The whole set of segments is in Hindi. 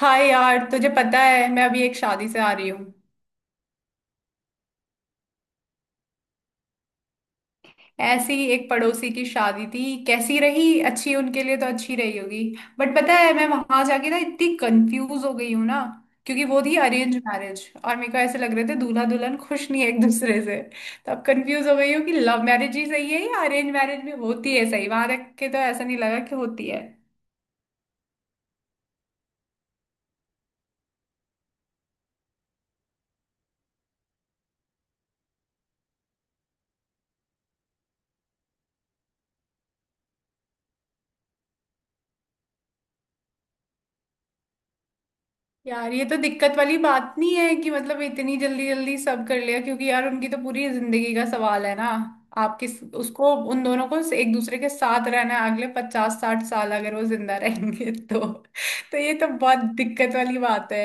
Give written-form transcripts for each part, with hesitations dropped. हाय यार, तुझे पता है मैं अभी एक शादी से आ रही हूँ। ऐसी ही एक पड़ोसी की शादी थी। कैसी रही? अच्छी, उनके लिए तो अच्छी रही होगी। बट पता है, मैं वहां जाके ना इतनी कंफ्यूज हो गई हूँ ना, क्योंकि वो थी अरेंज मैरिज और मेरे को ऐसे लग रहे थे दूल्हा दुल्हन खुश नहीं है एक दूसरे से। तो अब कंफ्यूज हो गई हूँ कि लव मैरिज ही सही है या अरेंज मैरिज में होती है सही। वहां देख के तो ऐसा नहीं लगा कि होती है। यार, ये तो दिक्कत वाली बात नहीं है कि मतलब इतनी जल्दी जल्दी सब कर लिया, क्योंकि यार उनकी तो पूरी जिंदगी का सवाल है ना। आप किस उसको उन दोनों को एक दूसरे के साथ रहना है अगले 50-60 साल, अगर वो जिंदा रहेंगे तो। तो ये तो बहुत दिक्कत वाली बात है।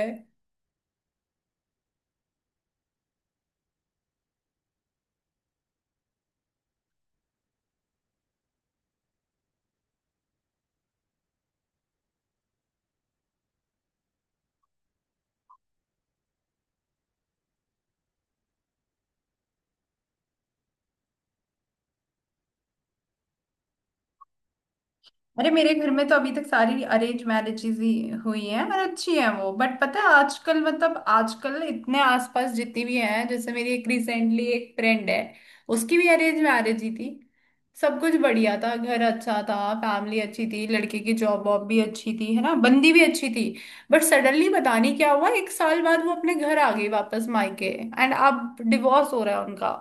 अरे, मेरे घर में तो अभी तक सारी अरेंज मैरिजेज ही हुई हैं और अच्छी हैं वो। बट पता है, आजकल मतलब आजकल इतने आसपास जितनी भी हैं, जैसे मेरी एक रिसेंटली एक फ्रेंड है, उसकी भी अरेंज मैरिज ही थी। सब कुछ बढ़िया था, घर अच्छा था, फैमिली अच्छी थी, लड़के की जॉब वॉब भी अच्छी थी, है ना, बंदी भी अच्छी थी। बट सडनली पता नहीं क्या हुआ, एक साल बाद वो अपने घर आ गई वापस मायके। एंड अब डिवोर्स हो रहा है उनका।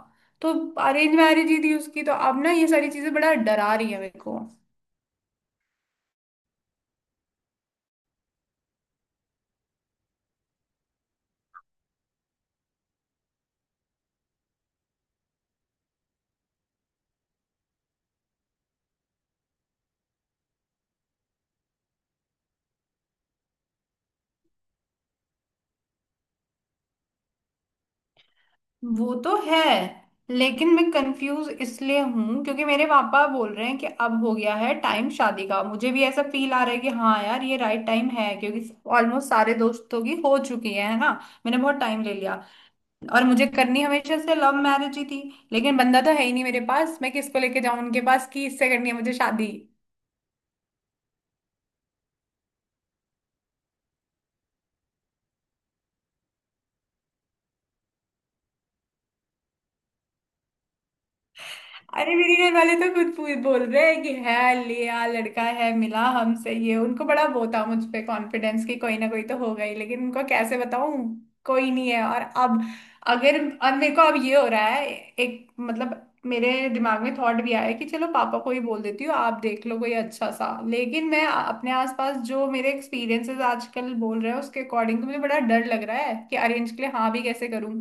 तो अरेंज मैरिज ही थी उसकी, तो अब ना ये सारी चीजें बड़ा डरा रही है मेरे को। वो तो है, लेकिन मैं कंफ्यूज इसलिए हूँ क्योंकि मेरे पापा बोल रहे हैं कि अब हो गया है टाइम शादी का, मुझे भी ऐसा फील आ रहा है कि हाँ यार, ये राइट टाइम है क्योंकि ऑलमोस्ट सारे दोस्तों की हो चुकी है ना, मैंने बहुत टाइम ले लिया। और मुझे करनी हमेशा से लव मैरिज ही थी, लेकिन बंदा तो है ही नहीं मेरे पास। मैं किसको लेके जाऊँ उनके पास कि इससे करनी है मुझे शादी। अरे, मेरे घर वाले तो खुद बोल रहे हैं कि है लिया लड़का है मिला हमसे, ये उनको बड़ा वो था मुझ पे कॉन्फिडेंस कि कोई ना कोई तो होगा ही, लेकिन उनको कैसे बताऊं कोई नहीं है। और अब अगर और मेरे को अब ये हो रहा है, एक मतलब मेरे दिमाग में थॉट भी आया कि चलो पापा को ही बोल देती हूँ आप देख लो कोई अच्छा सा, लेकिन मैं अपने आसपास जो मेरे एक्सपीरियंसेस आजकल बोल रहे हैं उसके अकॉर्डिंग तो मुझे बड़ा डर लग रहा है कि अरेंज के लिए हाँ भी कैसे करूँ।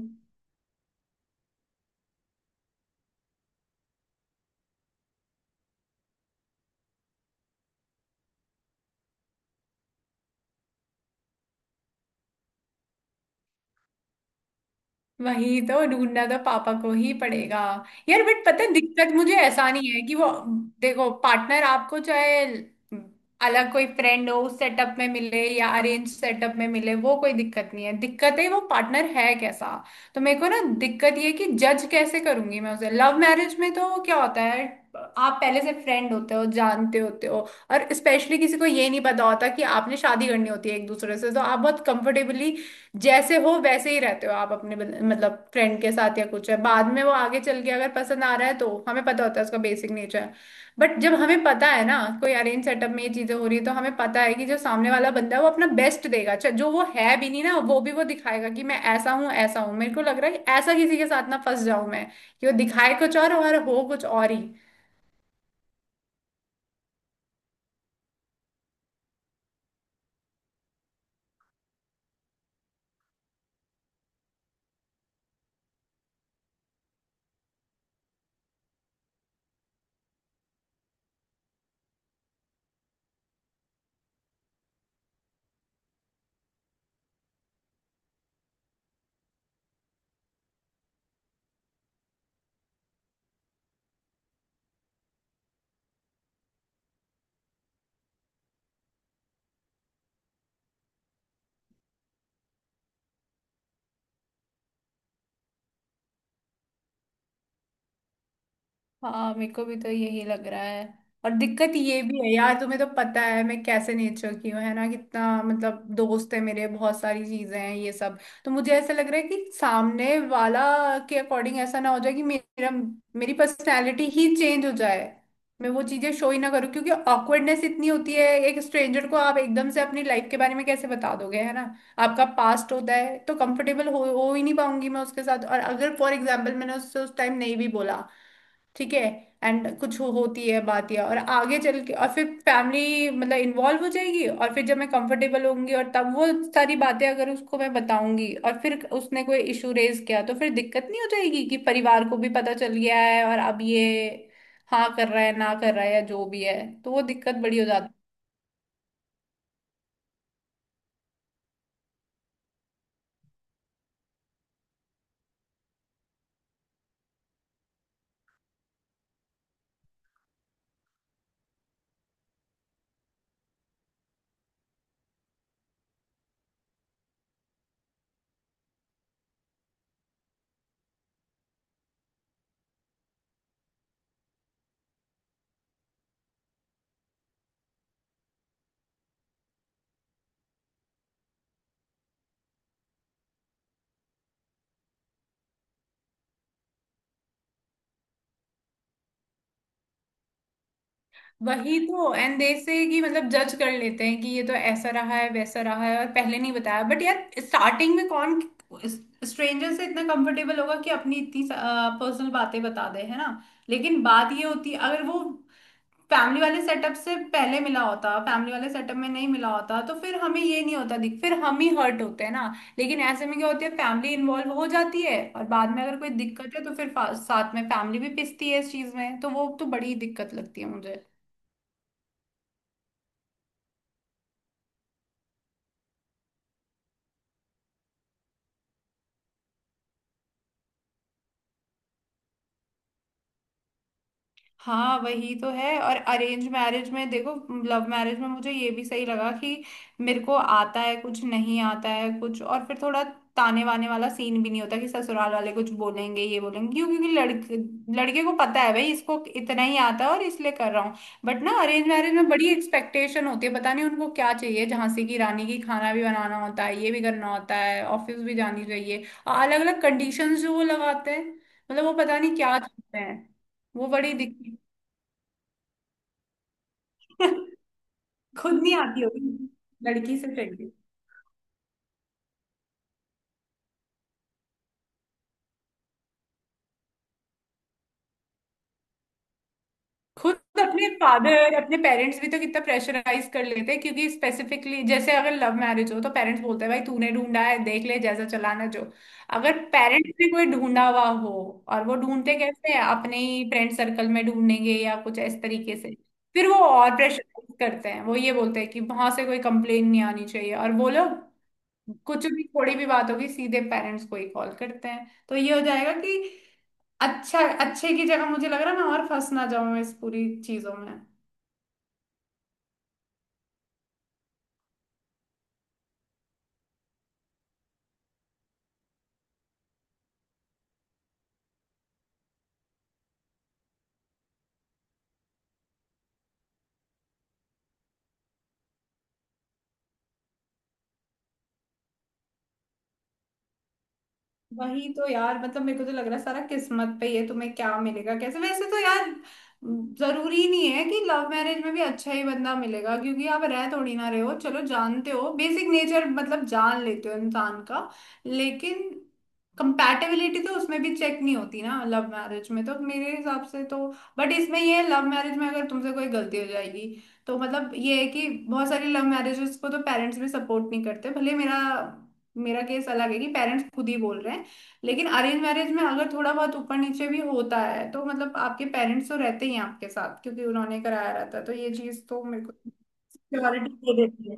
वही तो, ढूंढना तो पापा को ही पड़ेगा। यार बट पता है दिक्कत, मुझे ऐसा नहीं है कि वो। देखो पार्टनर आपको चाहे अलग कोई फ्रेंड हो उस सेटअप में मिले या अरेंज सेटअप में मिले, वो कोई दिक्कत नहीं है। दिक्कत है वो पार्टनर है कैसा। तो मेरे को ना दिक्कत ये है कि जज कैसे करूंगी मैं उसे। लव मैरिज में तो क्या होता है, आप पहले से फ्रेंड होते हो, जानते होते हो, और स्पेशली किसी को ये नहीं पता होता कि आपने शादी करनी होती है एक दूसरे से, तो आप बहुत कंफर्टेबली जैसे हो वैसे ही रहते हो आप अपने मतलब फ्रेंड के साथ, या कुछ है बाद में वो आगे चल के अगर पसंद आ रहा है तो हमें पता होता है उसका बेसिक नेचर। बट जब हमें पता है ना कोई अरेंज सेटअप में ये चीजें हो रही है, तो हमें पता है कि जो सामने वाला बंदा है वो अपना बेस्ट देगा, चाहे जो वो है भी नहीं ना वो भी वो दिखाएगा कि मैं ऐसा हूँ ऐसा हूँ। मेरे को लग रहा है कि ऐसा किसी के साथ ना फंस जाऊं मैं, कि वो दिखाए कुछ और हो कुछ और ही। हाँ, मेरे को भी तो यही लग रहा है। और दिक्कत ये भी है यार, तुम्हें तो पता है मैं कैसे नेचर की हूँ, है ना, कितना मतलब दोस्त है मेरे, बहुत सारी चीजें हैं ये सब। तो मुझे ऐसा लग रहा है कि सामने वाला के अकॉर्डिंग ऐसा ना हो जाए कि मेरा मेरी पर्सनैलिटी ही चेंज हो जाए, मैं वो चीजें शो ही ना करूँ, क्योंकि ऑकवर्डनेस इतनी होती है, एक स्ट्रेंजर को आप एकदम से अपनी लाइफ के बारे में कैसे बता दोगे, है ना, आपका पास्ट होता है, तो कंफर्टेबल हो ही नहीं पाऊंगी मैं उसके साथ। और अगर फॉर एग्जाम्पल मैंने उससे उस टाइम नहीं भी बोला, ठीक है, एंड कुछ होती है बात या और आगे चल के, और फिर फैमिली मतलब इन्वॉल्व हो जाएगी, और फिर जब मैं कंफर्टेबल होंगी और तब वो सारी बातें अगर उसको मैं बताऊंगी और फिर उसने कोई इशू रेज किया, तो फिर दिक्कत नहीं हो जाएगी कि परिवार को भी पता चल गया है और अब ये हाँ कर रहा है ना कर रहा है या जो भी है, तो वो दिक्कत बड़ी हो जाती है। वही तो, एंड दे से कि मतलब जज कर लेते हैं कि ये तो ऐसा रहा है वैसा रहा है और पहले नहीं बताया, बट यार स्टार्टिंग में कौन स्ट्रेंजर से इतना कंफर्टेबल होगा कि अपनी इतनी पर्सनल बातें बता दे, है ना। लेकिन बात ये होती है, अगर वो फैमिली वाले सेटअप से पहले मिला होता, फैमिली वाले सेटअप में नहीं मिला होता, तो फिर हमें ये नहीं होता दिख, फिर हम ही हर्ट होते हैं ना। लेकिन ऐसे में क्या होती है फैमिली इन्वॉल्व हो जाती है और बाद में अगर कोई दिक्कत है, तो फिर साथ में फैमिली भी पिसती है इस चीज में, तो वो तो बड़ी दिक्कत लगती है मुझे। हाँ, वही तो है। और अरेंज मैरिज में देखो, लव मैरिज में मुझे ये भी सही लगा कि मेरे को आता है कुछ, नहीं आता है कुछ, और फिर थोड़ा ताने वाने वाला सीन भी नहीं होता कि ससुराल वाले कुछ बोलेंगे ये बोलेंगे क्यों, क्योंकि लड़के लड़के को पता है भाई इसको इतना ही आता है और इसलिए कर रहा हूँ। बट ना अरेंज मैरिज में बड़ी एक्सपेक्टेशन होती है, पता नहीं उनको क्या चाहिए, झांसी की रानी की खाना भी बनाना होता है ये भी करना होता है ऑफिस भी जानी चाहिए और अलग अलग कंडीशंस जो वो लगाते हैं। मतलब वो पता नहीं क्या चाहते हैं। वो बड़ी दिक्कत खुद नहीं आती होगी लड़की से चाहिए। खुद अपने फादर अपने पेरेंट्स भी तो कितना प्रेशराइज कर लेते हैं, क्योंकि स्पेसिफिकली जैसे अगर लव मैरिज हो तो पेरेंट्स बोलते हैं भाई तूने ढूंढा है देख ले जैसा चलाना जो, अगर पेरेंट्स ने कोई ढूंढा हुआ हो, और वो ढूंढते कैसे हैं, अपने ही फ्रेंड सर्कल में ढूंढेंगे या कुछ इस तरीके से। फिर वो और प्रेशराइज करते हैं, वो ये बोलते हैं कि वहां से कोई कंप्लेन नहीं आनी चाहिए और वो लोग कुछ भी थोड़ी भी बात होगी सीधे पेरेंट्स को ही कॉल करते हैं, तो ये हो जाएगा कि अच्छा अच्छे की जगह मुझे लग रहा है मैं और फंस ना जाऊं इस पूरी चीजों में। वही तो यार, मतलब मेरे को तो लग रहा है सारा किस्मत पे ही है, तुम्हें क्या मिलेगा कैसे वैसे। तो यार जरूरी नहीं है कि लव मैरिज में भी अच्छा ही बंदा मिलेगा, क्योंकि आप रह थोड़ी ना रहे हो, चलो जानते हो बेसिक नेचर मतलब जान लेते हो इंसान का, लेकिन कंपैटिबिलिटी तो उसमें भी चेक नहीं होती ना लव मैरिज में तो मेरे हिसाब से तो। बट इसमें ये है, लव मैरिज में अगर तुमसे कोई गलती हो जाएगी तो मतलब ये है कि बहुत सारी लव मैरिजेस को तो पेरेंट्स भी सपोर्ट नहीं करते, भले मेरा मेरा केस अलग है कि पेरेंट्स खुद ही बोल रहे हैं। लेकिन अरेंज मैरिज में अगर थोड़ा बहुत ऊपर नीचे भी होता है, तो मतलब आपके पेरेंट्स तो रहते ही हैं आपके साथ क्योंकि उन्होंने कराया रहता है, तो ये चीज तो मेरे को सिक्योरिटी दे देती है।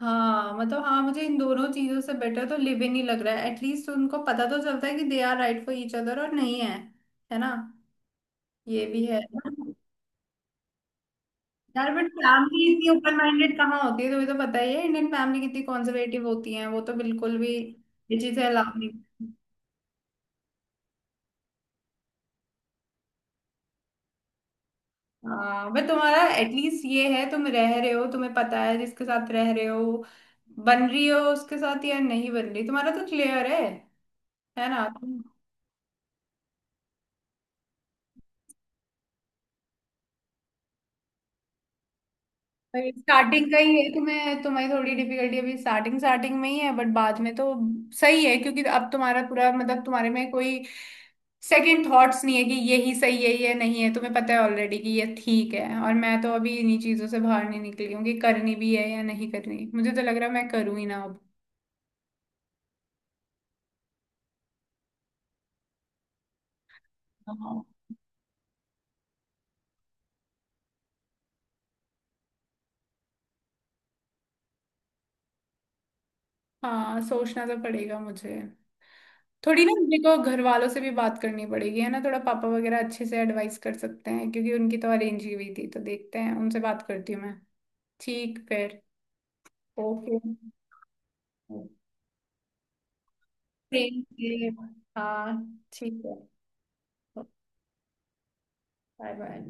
हाँ, मतलब हाँ, मुझे इन दोनों चीजों से बेटर तो लिव इन ही लग रहा है, एटलीस्ट उनको पता तो चलता है कि they are right for each other और नहीं है। है ना। ये भी है। यार बट फैमिली इतनी ओपन माइंडेड कहाँ होती है, तुम्हें तो पता ही है इंडियन फैमिली कितनी कॉन्जर्वेटिव होती है, वो तो बिल्कुल भी ये चीजें अलाउ नहीं। हाँ बट तुम्हारा एटलीस्ट ये है तुम रह रहे हो, तुम्हें पता है जिसके साथ रह रहे हो, बन रही हो उसके साथ या नहीं बन रही, तुम्हारा तो क्लियर है। है ना। स्टार्टिंग का ही है तुम्हें, तुम्हारी थोड़ी डिफिकल्टी अभी स्टार्टिंग स्टार्टिंग में ही है बट बाद में तो सही है क्योंकि अब तुम्हारा पूरा मतलब तुम्हारे में कोई सेकंड थॉट्स नहीं है कि ये ही सही है ये नहीं है, तुम्हें पता है ऑलरेडी कि ये ठीक है। और मैं तो अभी इन्हीं चीजों से बाहर नहीं निकली हूँ कि करनी भी है या नहीं करनी, मुझे तो लग रहा है मैं करूँ ही ना। अब हाँ, सोचना तो पड़ेगा मुझे। थोड़ी ना मेरे को घर वालों से भी बात करनी पड़ेगी, है ना, थोड़ा पापा वगैरह अच्छे से एडवाइस कर सकते हैं क्योंकि उनकी तो अरेंज ही हुई थी, तो देखते हैं, उनसे बात करती हूँ मैं। ठीक फिर। ओके। Thank you. हाँ, ठीक है। Bye bye.